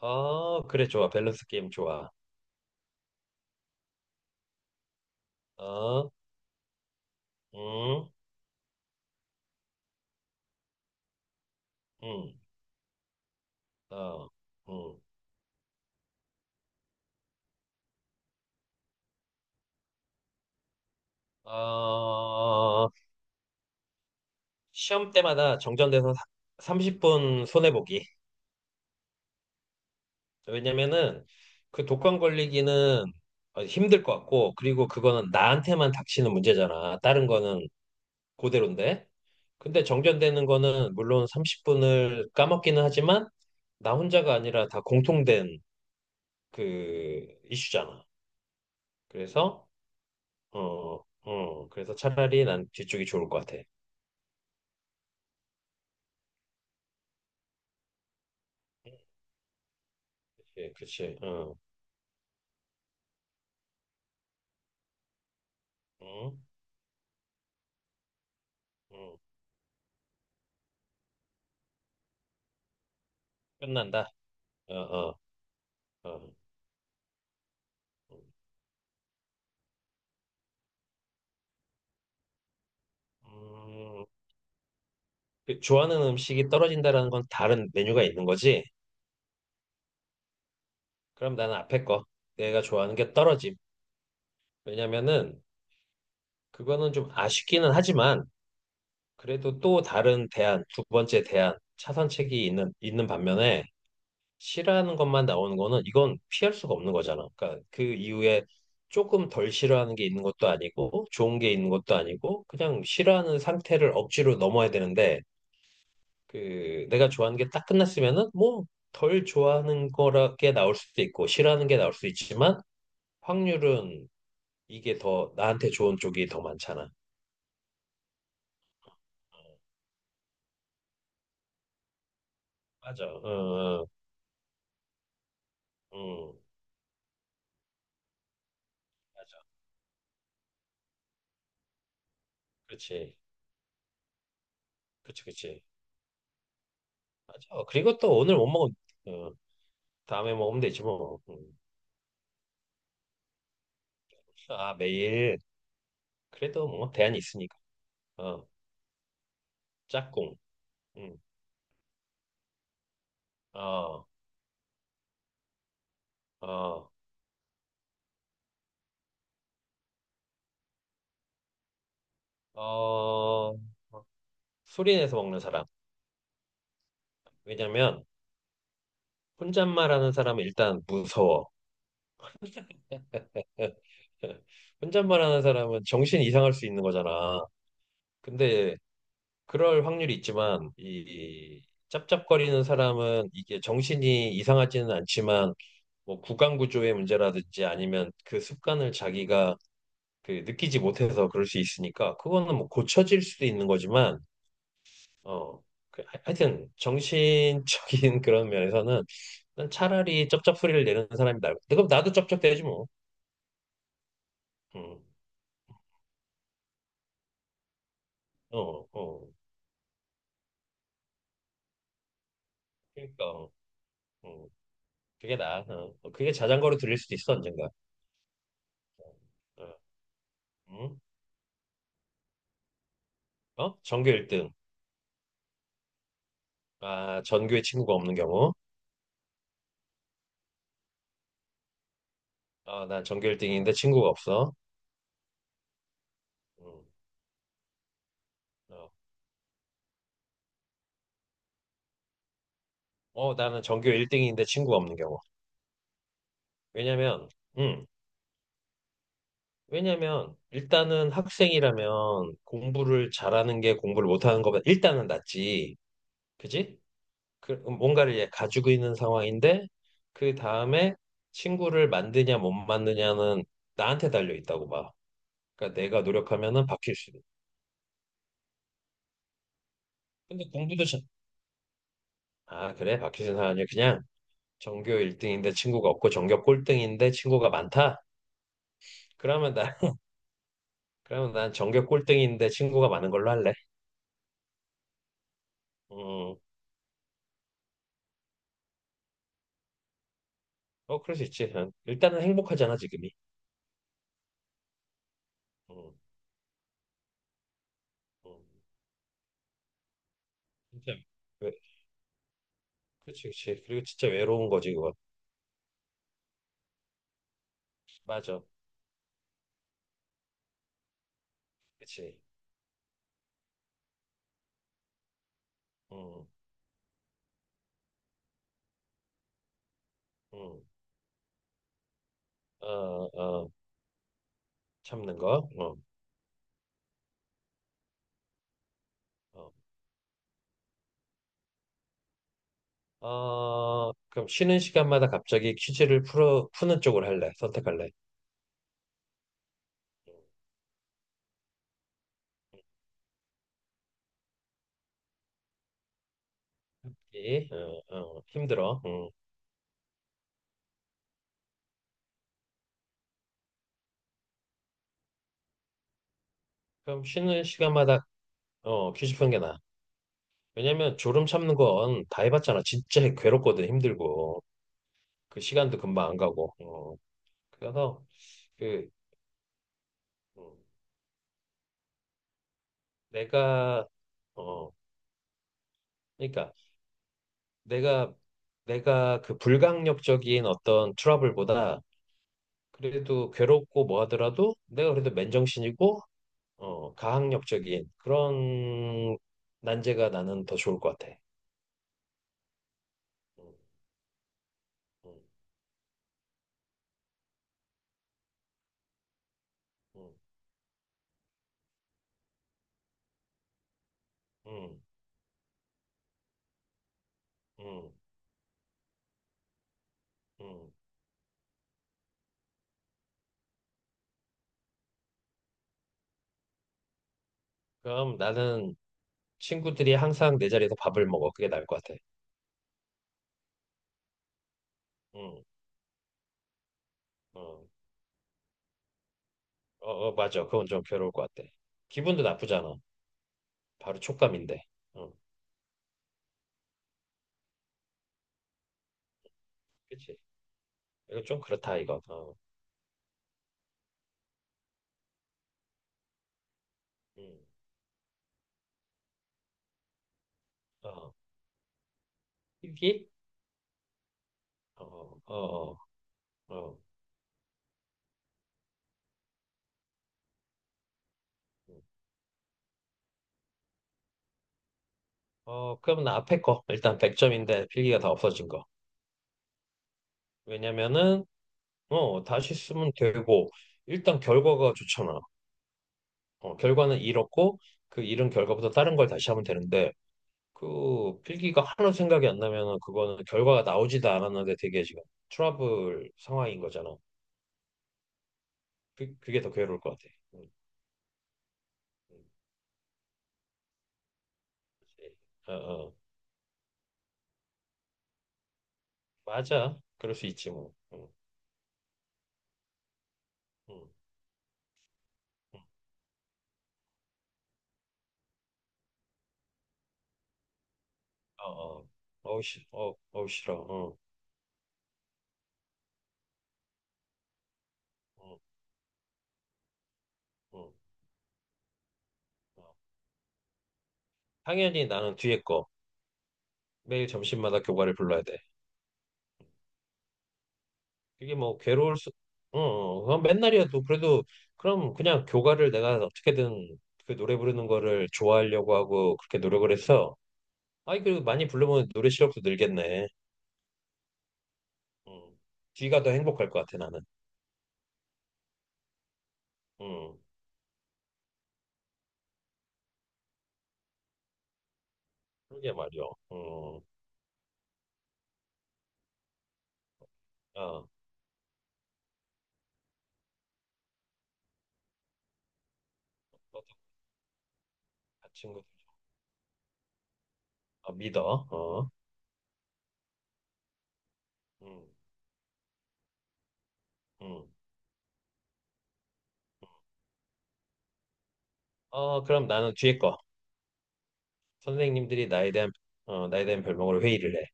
아, 그래, 좋아. 밸런스 게임 좋아. 어, 음, 음, 어, 음. 어, 시험 때마다 정전돼서 30분 손해보기. 왜냐면은 그 독감 걸리기는 힘들 것 같고, 그리고 그거는 나한테만 닥치는 문제잖아. 다른 거는 그대로인데. 근데 정전되는 거는 물론 30분을 까먹기는 하지만, 나 혼자가 아니라 다 공통된 그 이슈잖아. 그래서 그래서 차라리 난 뒤쪽이 좋을 것 같아. 그치, 그치, 어 어 끝난다. 어, 어, 어. 음, 그 좋아하는 음식이 떨어진다라는 건 다른 메뉴가 있는 거지? 그럼 나는 앞에 거, 내가 좋아하는 게 떨어짐. 왜냐면은 그거는 좀 아쉽기는 하지만 그래도 또 다른 대안, 두 번째 대안, 차선책이 있는 반면에 싫어하는 것만 나오는 거는 이건 피할 수가 없는 거잖아. 그러니까 그 이후에 조금 덜 싫어하는 게 있는 것도 아니고 좋은 게 있는 것도 아니고 그냥 싫어하는 상태를 억지로 넘어야 되는데 그 내가 좋아하는 게 딱 끝났으면은 뭐 덜 좋아하는 거라게 나올 수도 있고 싫어하는 게 나올 수 있지만 확률은 이게 더 나한테 좋은 쪽이 더 많잖아. 어, 맞아. 응, 응, 응. 맞아. 그렇지. 그렇지, 그렇지. 맞아. 그리고 또 오늘 못 먹은, 어, 다음에 먹으면 되지 뭐. 응. 아, 매일. 그래도 뭐 대안이 있으니까. 어, 짝꿍. 응. 어, 어, 어, 소리 내서 먹는 사람. 왜냐면 혼잣말하는 사람은 일단 무서워. 혼잣말하는 사람은 정신이 이상할 수 있는 거잖아. 근데 그럴 확률이 있지만 이 짭짭거리는 사람은 이게 정신이 이상하지는 않지만 뭐 구강 구조의 문제라든지 아니면 그 습관을 자기가 그 느끼지 못해서 그럴 수 있으니까 그거는 뭐 고쳐질 수도 있는 거지만 어 하여튼 정신적인 그런 면에서는 난 차라리 쩝쩝 소리를 내는 사람이 나을, 그럼 나도 쩝쩝대지 뭐. 음. 어, 어. 그러니까. 어, 어. 그게 나. 어. 그게 자전거로 들릴 수도 있어 언젠가. 어, 음? 어? 전교 1등. 아, 전교에 친구가 없는 경우. 어, 난 전교 1등인데 친구가 없어. 음, 어. 어, 나는 전교 1등인데 친구가 없는 경우. 왜냐면, 음, 왜냐면 일단은 학생이라면 공부를 잘하는 게 공부를 못하는 것보다 일단은 낫지. 그지? 그 뭔가를 얘 가지고 있는 상황인데 그 다음에 친구를 만드냐 못 만드냐는 나한테 달려 있다고 봐. 그러니까 내가 노력하면은 바뀔 수도. 있. 근데 공부도 잘... 아, 그래? 바뀌는 사람이 그냥 전교 1등인데 친구가 없고 전교 꼴등인데 친구가 많다. 그러면 나 그러면 난 전교 꼴등인데 친구가 많은 걸로 할래. 음. 그럴 수 있지. 응. 일단은 행복하잖아, 지금. 응, 응, 진짜 왜, 그치, 그치. 그리고 진짜 외로운 거지, 그거. 맞아. 그치. 응, 응, 어, 어, 참는 거. 어, 어. 그럼 쉬는 시간마다 갑자기 퀴즈를 푸는 쪽으로 할래? 선택할래? 예? 힘들어. 응. 그럼 쉬는 시간마다 퀴즈 푸는 게 나아. 왜냐면 졸음 참는 건 다 해봤잖아. 진짜 괴롭거든, 힘들고. 그 시간도 금방 안 가고. 어. 그래서 그 음, 내가 어, 그러니까 내가 내가 그 불강력적인 어떤 트러블보다 그래도 괴롭고 뭐 하더라도 내가 그래도 맨정신이고 가학력적인 그런 난제가 나는 더 좋을 것 같아. 음, 음, 음, 음, 음, 음. 그럼 나는 친구들이 항상 내 자리에서 밥을 먹어. 그게 나을 것 같아. 음, 어, 맞아. 그건 좀 괴로울 것 같아. 기분도 나쁘잖아. 바로 촉감인데. 어, 그치? 이거 좀 그렇다 이거. 어, 음, 어. 필기? 어, 어, 어, 어. 그러면 앞에 거. 일단 100점인데 필기가 다 없어진 거. 왜냐면은, 다시 쓰면 되고, 일단 결과가 좋잖아. 결과는 잃었고, 그 잃은 결과부터 다른 걸 다시 하면 되는데, 그 필기가 하나도 생각이 안 나면은 그거는 결과가 나오지도 않았는데 되게 지금 트러블 상황인 거잖아. 그게 더 괴로울 것 같아. 음, 음. 어, 어. 맞아. 그럴 수 있지 뭐. 음. 어, 어, 싫어. 어, 어, 어, 어. 당연히 나는 뒤에 거. 매일 점심마다 교과를 불러야 돼. 그게 뭐 괴로울 수, 어, 어, 그건 맨날이어도 그래도 그럼 그냥 교과를 내가 어떻게든 그 노래 부르는 거를 좋아하려고 하고 그렇게 노력을 했어. 아이, 그리고 많이 부르면 노래 실력도 늘겠네. 음. 뒤가 더 행복할 것 같아, 나는. 음. 그러게 말이야. 음. 너도 같이 친구들 좀-. 어, 믿어. 어. 음. 음. 그럼 나는 뒤에 거. 선생님들이 나에 대한 별명으로 회의를 해.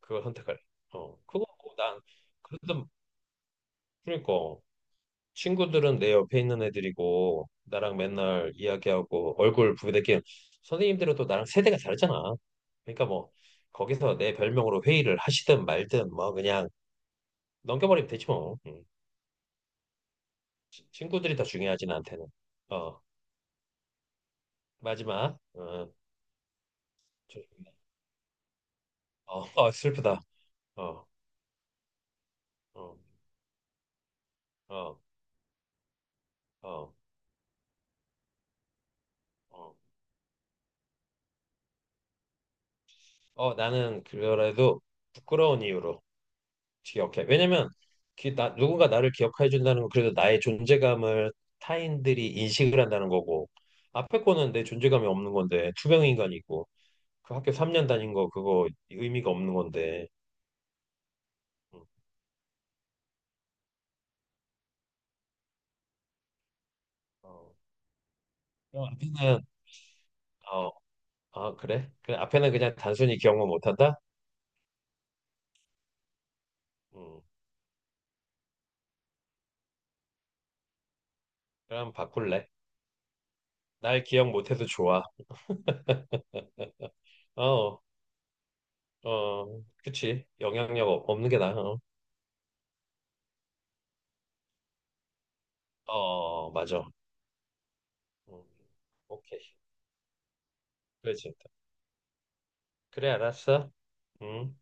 그걸 선택할래. 그거 뭐난 그래도 그러니까 친구들은 내 옆에 있는 애들이고 나랑 맨날 이야기하고 얼굴 부비대끼는, 선생님들은 또 나랑 세대가 다르잖아. 그러니까 뭐 거기서 내 별명으로 회의를 하시든 말든 뭐 그냥 넘겨버리면 되지 뭐. 음. 친구들이 더 중요하지 나한테는. 어, 마지막. 저- 슬프다. 어, 어, 어, 어. 어. 나는 그래도 부끄러운 이유로 기억해. 왜냐면 누군가 나를 기억해 준다는 건 그래도 나의 존재감을 타인들이 인식을 한다는 거고 앞에 거는 내 존재감이 없는 건데 투병 인간이고 그 학교 3년 다닌 거 그거 의미가 없는 건데. 음, 어, 그럼 앞에는. 어, 아 그래? 그래, 앞에는 그냥 단순히 기억만 못한다? 음, 그럼 바꿀래. 날 기억 못해도 좋아. 어, 그치. 영향력 없는 게 나아. 어, 어, 맞아. 음, 오케이. 그래, 진짜. 그래, 알았어. 음.